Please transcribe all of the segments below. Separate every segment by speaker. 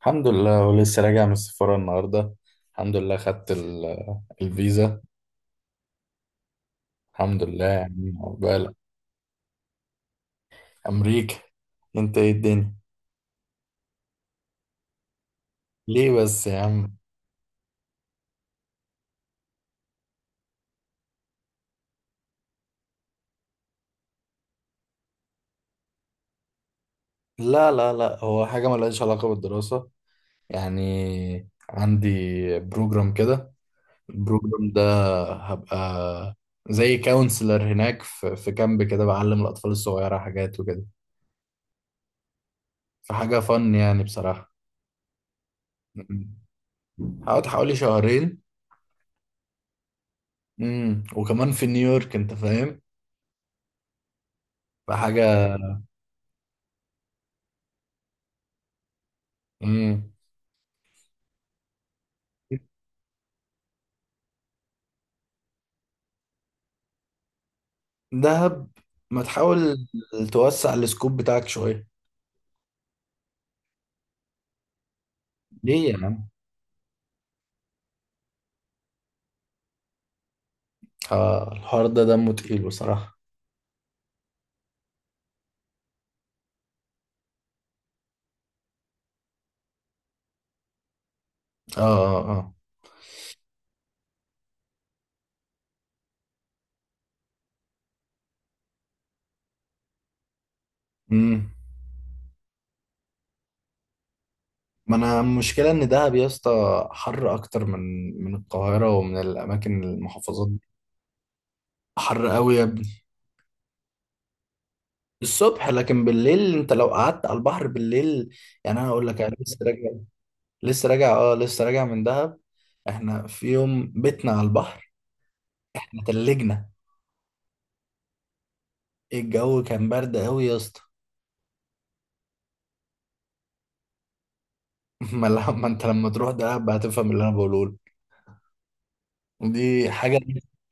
Speaker 1: الحمد لله، ولسه راجع من السفارة النهاردة. الحمد لله خدت الفيزا. الحمد لله يا عم، عقبالك. أمريكا. أنت إيه الدنيا؟ ليه بس يا عم؟ لا لا لا، هو حاجة ملهاش علاقة بالدراسة. يعني عندي بروجرام كده. البروجرام ده هبقى زي كونسلر هناك في كامب كده، بعلم الأطفال الصغيرة حاجات وكده. فحاجة فن يعني بصراحة. م- م. هقعد حوالي شهرين. وكمان في نيويورك، انت فاهم. فحاجة. امم. دهب. ما تحاول توسع السكوب بتاعك شوية. ليه يا عم؟ آه، الحوار ده دمه تقيل بصراحة. اه اه اه. امم. ما انا المشكلة ان دهب يا اسطى حر اكتر من القاهرة ومن الاماكن المحافظات دي. حر قوي يا ابني. الصبح لكن بالليل، انت لو قعدت على البحر بالليل، يعني انا اقول لك، انا لسه راجع، لسه راجع، اه، لسه راجع من دهب. احنا في يوم بيتنا على البحر، احنا تلجنا. الجو كان برد قوي يا اسطى. ما انت لما تروح دهب هتفهم اللي انا بقوله لك. دي حاجه.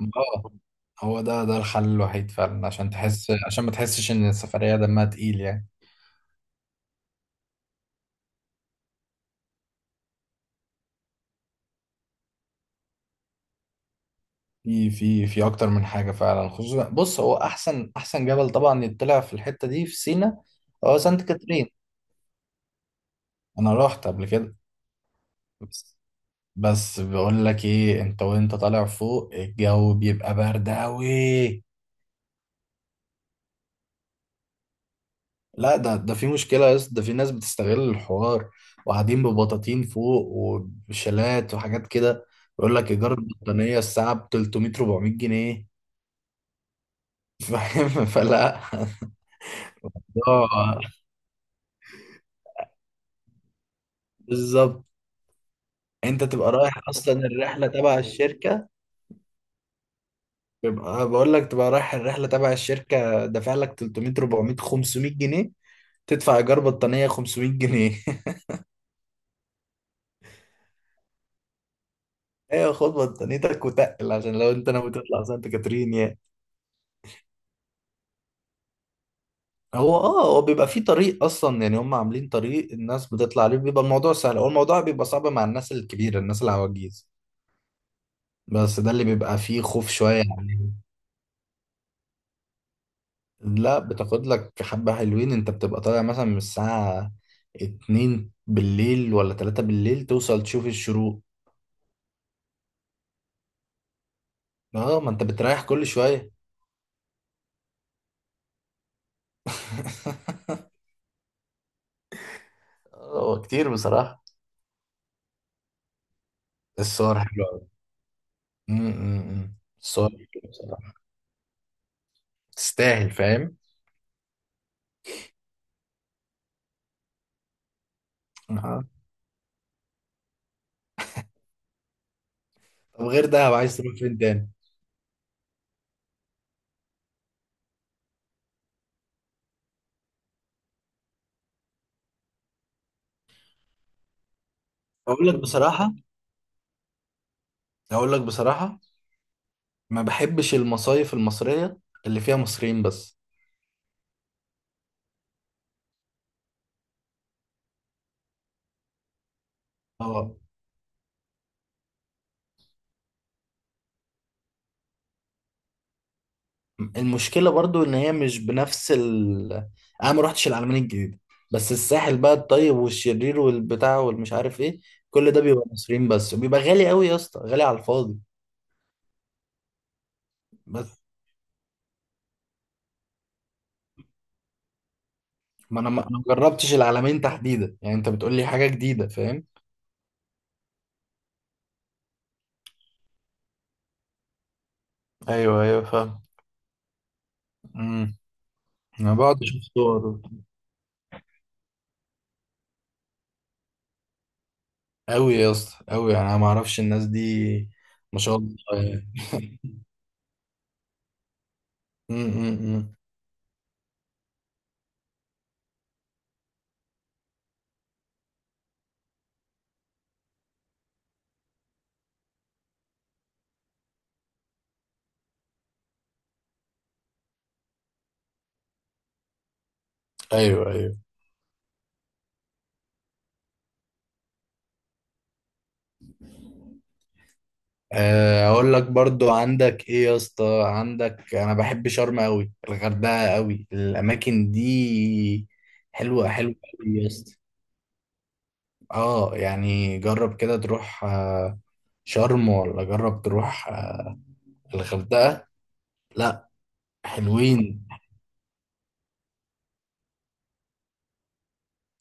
Speaker 1: اه، هو ده الحل الوحيد فعلا، عشان تحس، عشان ما تحسش ان السفريه دمها تقيل يعني. في اكتر من حاجه فعلا. خصوصا بص، هو احسن احسن جبل طبعا يطلع في الحته دي في سينا هو سانت كاترين. انا رحت قبل كده. بس، بس بقول لك ايه، انت وانت طالع فوق الجو بيبقى برد قوي. لا، ده في مشكلة يا اسطى، ده في ناس بتستغل الحوار وقاعدين ببطاطين فوق وبشلات وحاجات كده. يقول لك إيجار البطانية الساعة ب 300 400 جنيه. فاهم. فلا. اه، بالظبط. انت تبقى رايح اصلا الرحلة تبع الشركة، تبقى بقول لك، تبقى رايح الرحلة تبع الشركة، دافع لك 300 400 500 جنيه، تدفع إيجار بطانية 500 جنيه. ايوه، خد بطانيتك وتقل عشان لو انت ناوي تطلع سانت كاترين. هو بيبقى فيه طريق اصلا، يعني هم عاملين طريق الناس بتطلع عليه، بيبقى الموضوع سهل. هو الموضوع بيبقى صعب مع الناس الكبيره، الناس العواجيز. بس ده اللي بيبقى فيه خوف شويه يعني. لا، بتاخد لك حبه حلوين، انت بتبقى طالع مثلا من الساعه 2 بالليل ولا 3 بالليل، توصل تشوف الشروق. اه، ما انت بتريح كل شويه. هو كتير بصراحه. الصور حلوه أوي. أمم، أمم، أمم. الصور حلوة بصراحه، تستاهل فاهم. آه. طب غير ده عايز تروح فين تاني؟ اقول لك بصراحه اقول لك بصراحه، ما بحبش المصايف المصريه اللي فيها مصريين بس. اه، المشكله برضو ان هي مش بنفس ال- انا ما روحتش العلمين الجديده. بس الساحل بقى، الطيب والشرير والبتاع والمش عارف ايه، كل ده بيبقى مصريين بس وبيبقى غالي قوي يا اسطى، غالي على الفاضي. بس ما أنا ما جربتش العلمين تحديدا، يعني انت بتقول لي حاجه جديده فاهم. ايوه ايوه فاهم. امم. انا بقعد اشوف صور قوي يا اسطى قوي، يعني انا ما اعرفش الناس دي. ما شاء الله يعني. امم. ايوه ايوه. آه، اقول لك برضو، عندك ايه يا اسطى؟ عندك انا بحب شرم قوي، الغردقه قوي، الاماكن دي. حلوه، حلوه قوي يا اسطى. اه، يعني جرب كده تروح شرم، ولا جرب تروح الغردقه. لا، حلوين.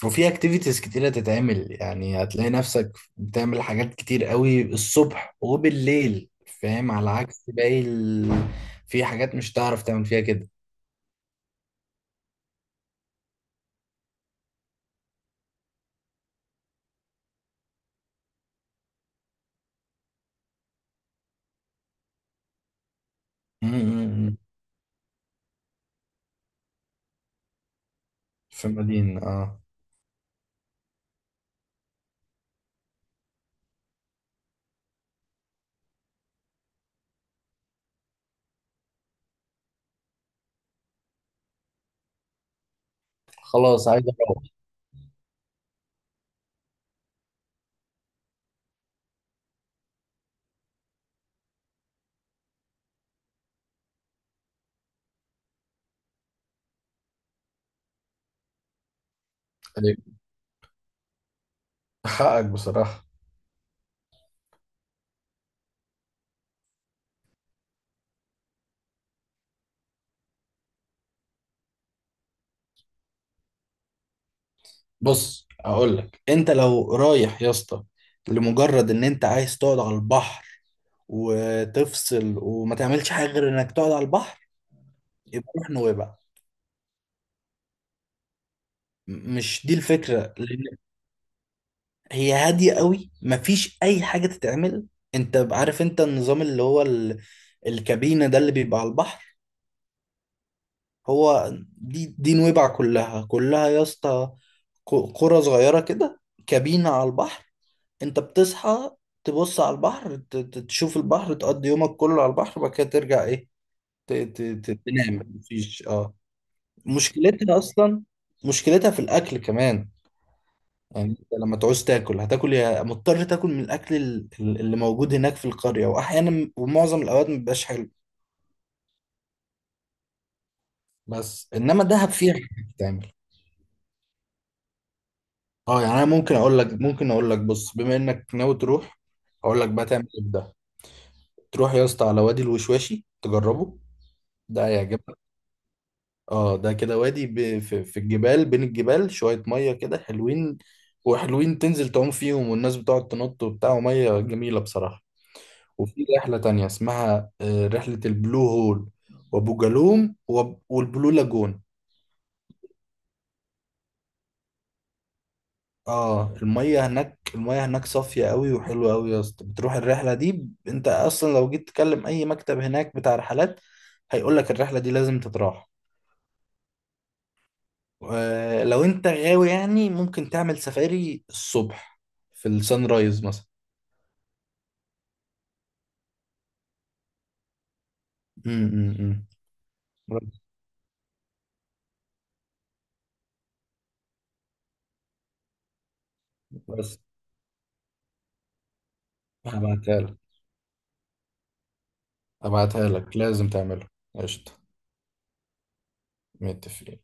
Speaker 1: وفي اكتيفيتيز كتيره تتعمل، يعني هتلاقي نفسك بتعمل حاجات كتير قوي الصبح وبالليل فاهم، على عكس باقي ال... في حاجات مش هتعرف تعمل فيها كده. أمم. في مدينة خلاص عايز اروح. عليك. حقك بصراحة. بص اقول لك، انت لو رايح يا اسطى لمجرد ان انت عايز تقعد على البحر وتفصل وما تعملش حاجة غير انك تقعد على البحر، يبقى روح نويبع. مش دي الفكرة، لان هي هادية قوي، مفيش اي حاجة تتعمل. انت عارف انت النظام اللي هو ال... الكابينة، ده اللي بيبقى على البحر. هو دي نويبع كلها كلها يا اسطى، قرى صغيرة كده، كابينة على البحر. انت بتصحى تبص على البحر، تشوف البحر، تقضي يومك كله على البحر، وبعد كده ترجع ايه، تنام مفيش مشكلتها اصلا، مشكلتها في الاكل كمان. يعني انت لما تعوز تاكل هتاكل، يا مضطر تاكل من الاكل اللي موجود هناك في القرية، واحيانا ومعظم الاوقات مبيبقاش حلو. بس انما دهب فيها حاجة تتعمل. اه، يعني انا ممكن اقول لك بص، بما انك ناوي تروح، اقول لك بقى تعمل ايه بده. تروح يا اسطى على وادي الوشواشي تجربه. ده هيعجبك. اه، ده كده وادي في الجبال، بين الجبال شوية مية كده حلوين، وحلوين تنزل تعوم فيهم، والناس بتقعد تنط وبتاع، ومية جميلة بصراحة. وفي رحلة تانية اسمها رحلة البلو هول، وابو جالوم والبلو لاجون. اه، المية هناك صافية قوي وحلوة قوي يا اسطى. بتروح الرحلة دي انت اصلا لو جيت تكلم اي مكتب هناك بتاع رحلات، هيقول لك الرحلة دي لازم تتراح. آه، لو انت غاوي يعني ممكن تعمل سفاري الصبح في السان رايز مثلا. امم. بس، بس هبعتها لك هبعتها لك، لازم تعملها. قشطة. متفقين.